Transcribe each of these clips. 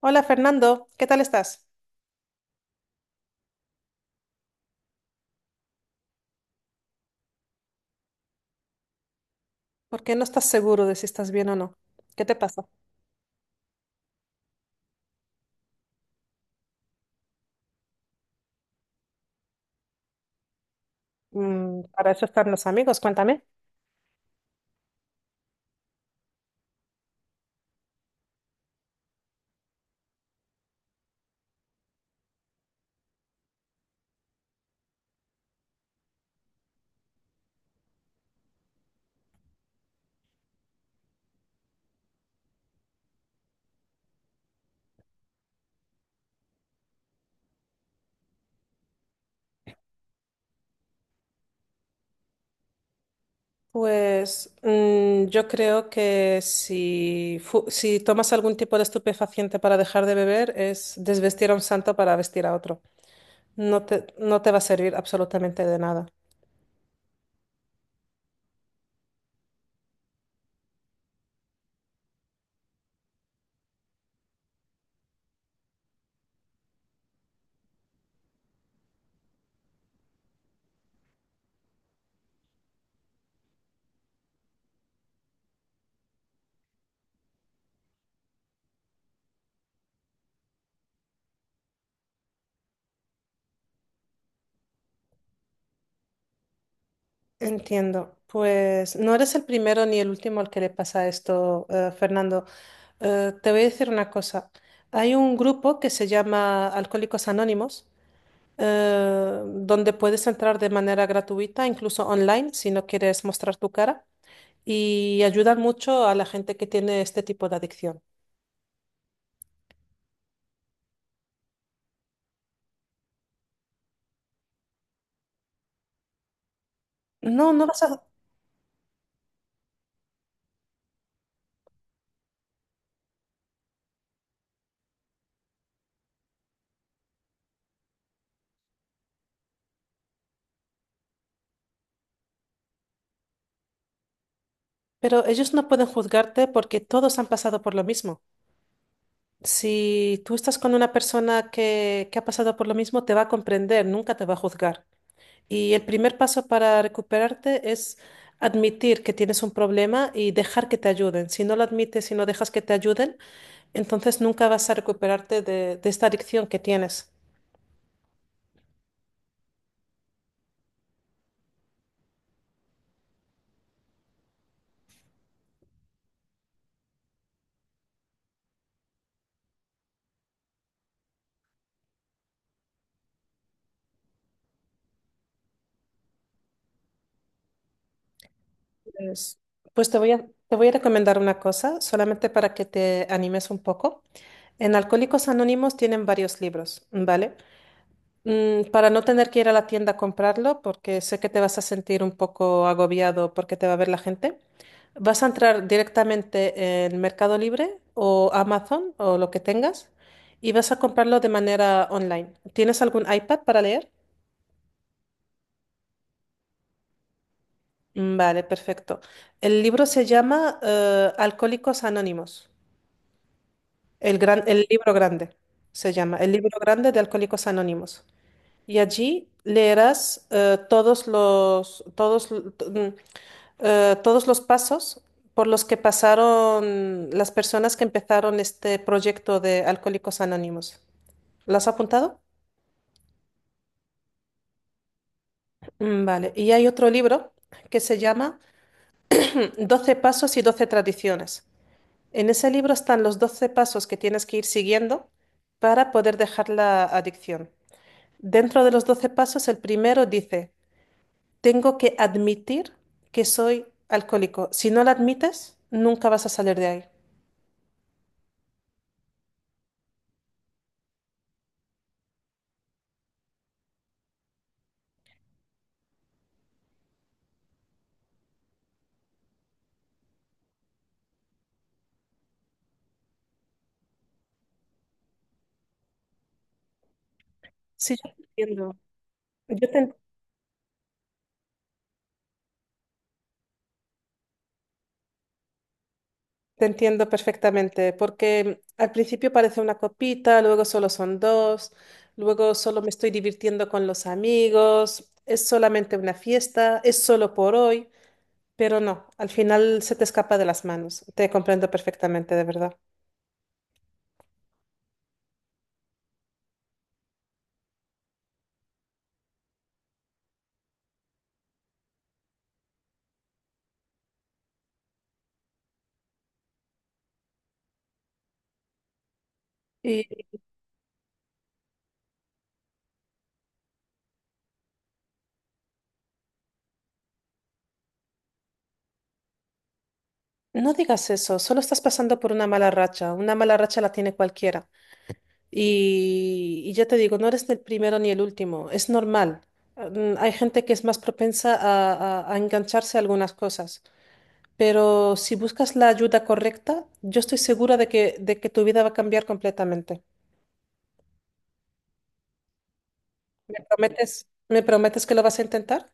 Hola Fernando, ¿qué tal estás? ¿Por qué no estás seguro de si estás bien o no? ¿Qué te pasa? Para eso están los amigos, cuéntame. Pues yo creo que si, si tomas algún tipo de estupefaciente para dejar de beber, es desvestir a un santo para vestir a otro. No te va a servir absolutamente de nada. Entiendo. Pues no eres el primero ni el último al que le pasa esto, Fernando. Te voy a decir una cosa. Hay un grupo que se llama Alcohólicos Anónimos, donde puedes entrar de manera gratuita, incluso online, si no quieres mostrar tu cara, y ayudan mucho a la gente que tiene este tipo de adicción. No, no vas a... Pero ellos no pueden juzgarte porque todos han pasado por lo mismo. Si tú estás con una persona que ha pasado por lo mismo, te va a comprender, nunca te va a juzgar. Y el primer paso para recuperarte es admitir que tienes un problema y dejar que te ayuden. Si no lo admites y no dejas que te ayuden, entonces nunca vas a recuperarte de esta adicción que tienes. Pues, pues te voy a recomendar una cosa, solamente para que te animes un poco. En Alcohólicos Anónimos tienen varios libros, ¿vale? Para no tener que ir a la tienda a comprarlo, porque sé que te vas a sentir un poco agobiado porque te va a ver la gente, vas a entrar directamente en Mercado Libre o Amazon o lo que tengas y vas a comprarlo de manera online. ¿Tienes algún iPad para leer? Vale, perfecto. El libro se llama Alcohólicos Anónimos. El libro grande se llama, el libro grande de Alcohólicos Anónimos. Y allí leerás todos todos, todos los pasos por los que pasaron las personas que empezaron este proyecto de Alcohólicos Anónimos. ¿Lo has apuntado? Vale. Y hay otro libro que se llama Doce pasos y Doce tradiciones. En ese libro están los 12 pasos que tienes que ir siguiendo para poder dejar la adicción. Dentro de los 12 pasos, el primero dice, tengo que admitir que soy alcohólico. Si no lo admites, nunca vas a salir de ahí. Sí, yo te entiendo. Yo te Te entiendo perfectamente, porque al principio parece una copita, luego solo son dos, luego solo me estoy divirtiendo con los amigos, es solamente una fiesta, es solo por hoy, pero no, al final se te escapa de las manos. Te comprendo perfectamente, de verdad. Y no digas eso, solo estás pasando por una mala racha la tiene cualquiera. Y ya te digo, no eres el primero ni el último, es normal. Hay gente que es más propensa a a engancharse a algunas cosas. Pero si buscas la ayuda correcta, yo estoy segura de que tu vida va a cambiar completamente. Me prometes que lo vas a intentar?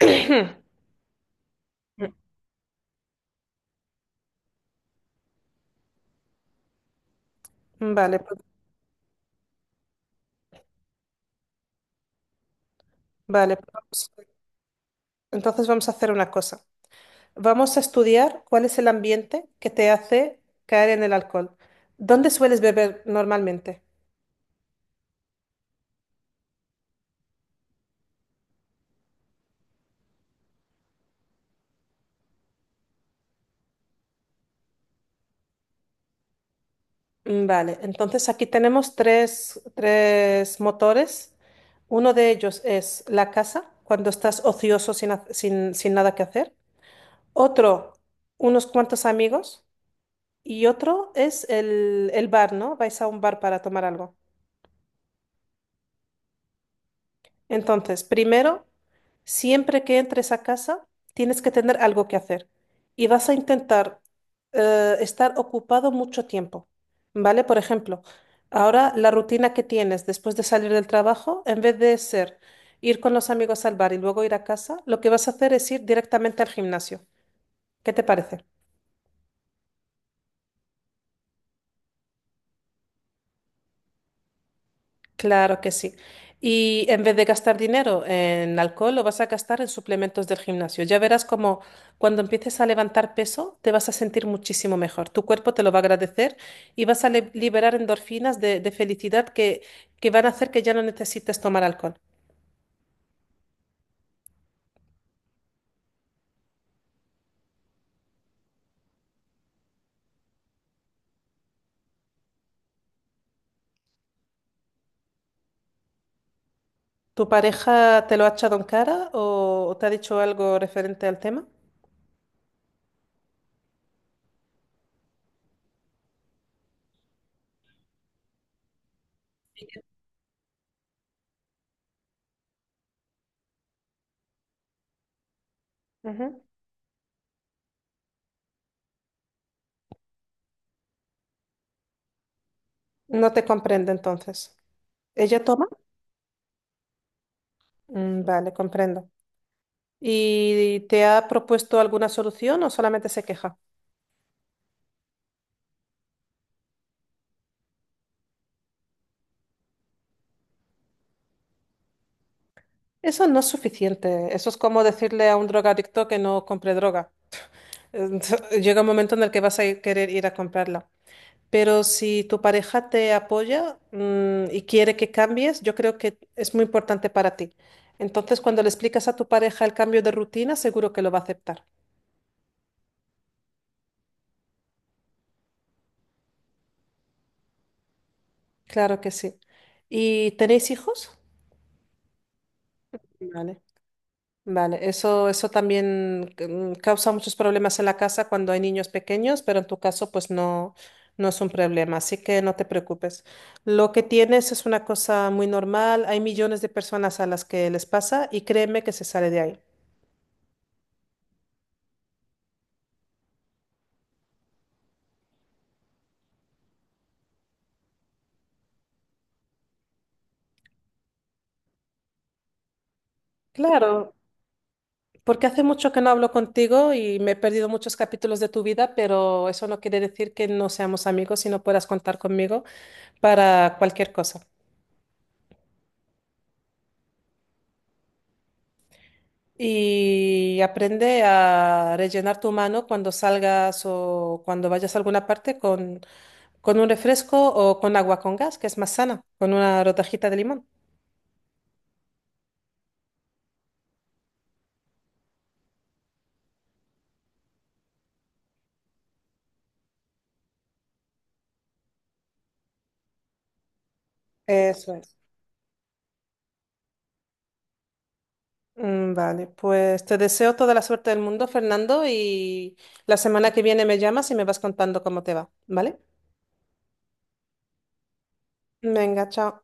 Vale, pues- vale. Pues, entonces vamos a hacer una cosa. Vamos a estudiar cuál es el ambiente que te hace caer en el alcohol. ¿Dónde sueles beber normalmente? Vale, entonces aquí tenemos tres motores. Uno de ellos es la casa, cuando estás ocioso sin, sin nada que hacer. Otro, unos cuantos amigos. Y otro es el bar, ¿no? Vais a un bar para tomar algo. Entonces, primero, siempre que entres a casa, tienes que tener algo que hacer. Y vas a intentar estar ocupado mucho tiempo, ¿vale? Por ejemplo, ahora la rutina que tienes después de salir del trabajo, en vez de ser ir con los amigos al bar y luego ir a casa, lo que vas a hacer es ir directamente al gimnasio. ¿Qué te parece? Claro que sí. Y en vez de gastar dinero en alcohol, lo vas a gastar en suplementos del gimnasio. Ya verás como cuando empieces a levantar peso, te vas a sentir muchísimo mejor. Tu cuerpo te lo va a agradecer y vas a liberar endorfinas de felicidad que van a hacer que ya no necesites tomar alcohol. ¿Tu pareja te lo ha echado en cara o te ha dicho algo referente al tema? Ujú. No te comprende entonces. ¿Ella toma? Vale, comprendo. ¿Y te ha propuesto alguna solución o solamente se queja? Eso no es suficiente. Eso es como decirle a un drogadicto que no compre droga. Eh, Llega un momento en el que vas a querer ir a comprarla. Pero si tu pareja te apoya, y quiere que cambies, yo creo que es muy importante para ti. Entonces, cuando le explicas a tu pareja el cambio de rutina, seguro que lo va a aceptar. Claro que sí. ¿Y tenéis hijos? Vale. Vale, eso también causa muchos problemas en la casa cuando hay niños pequeños, pero en tu caso pues no, no es un problema, así que no te preocupes. Lo que tienes es una cosa muy normal, hay millones de personas a las que les pasa y créeme que se sale de ahí. Claro, porque hace mucho que no hablo contigo y me he perdido muchos capítulos de tu vida, pero eso no quiere decir que no seamos amigos y no puedas contar conmigo para cualquier cosa. Y aprende a rellenar tu mano cuando salgas o cuando vayas a alguna parte con un refresco o con agua con gas, que es más sana, con una rodajita de limón. Eso es. Vale, pues te deseo toda la suerte del mundo, Fernando, y la semana que viene me llamas y me vas contando cómo te va, ¿vale? Venga, chao.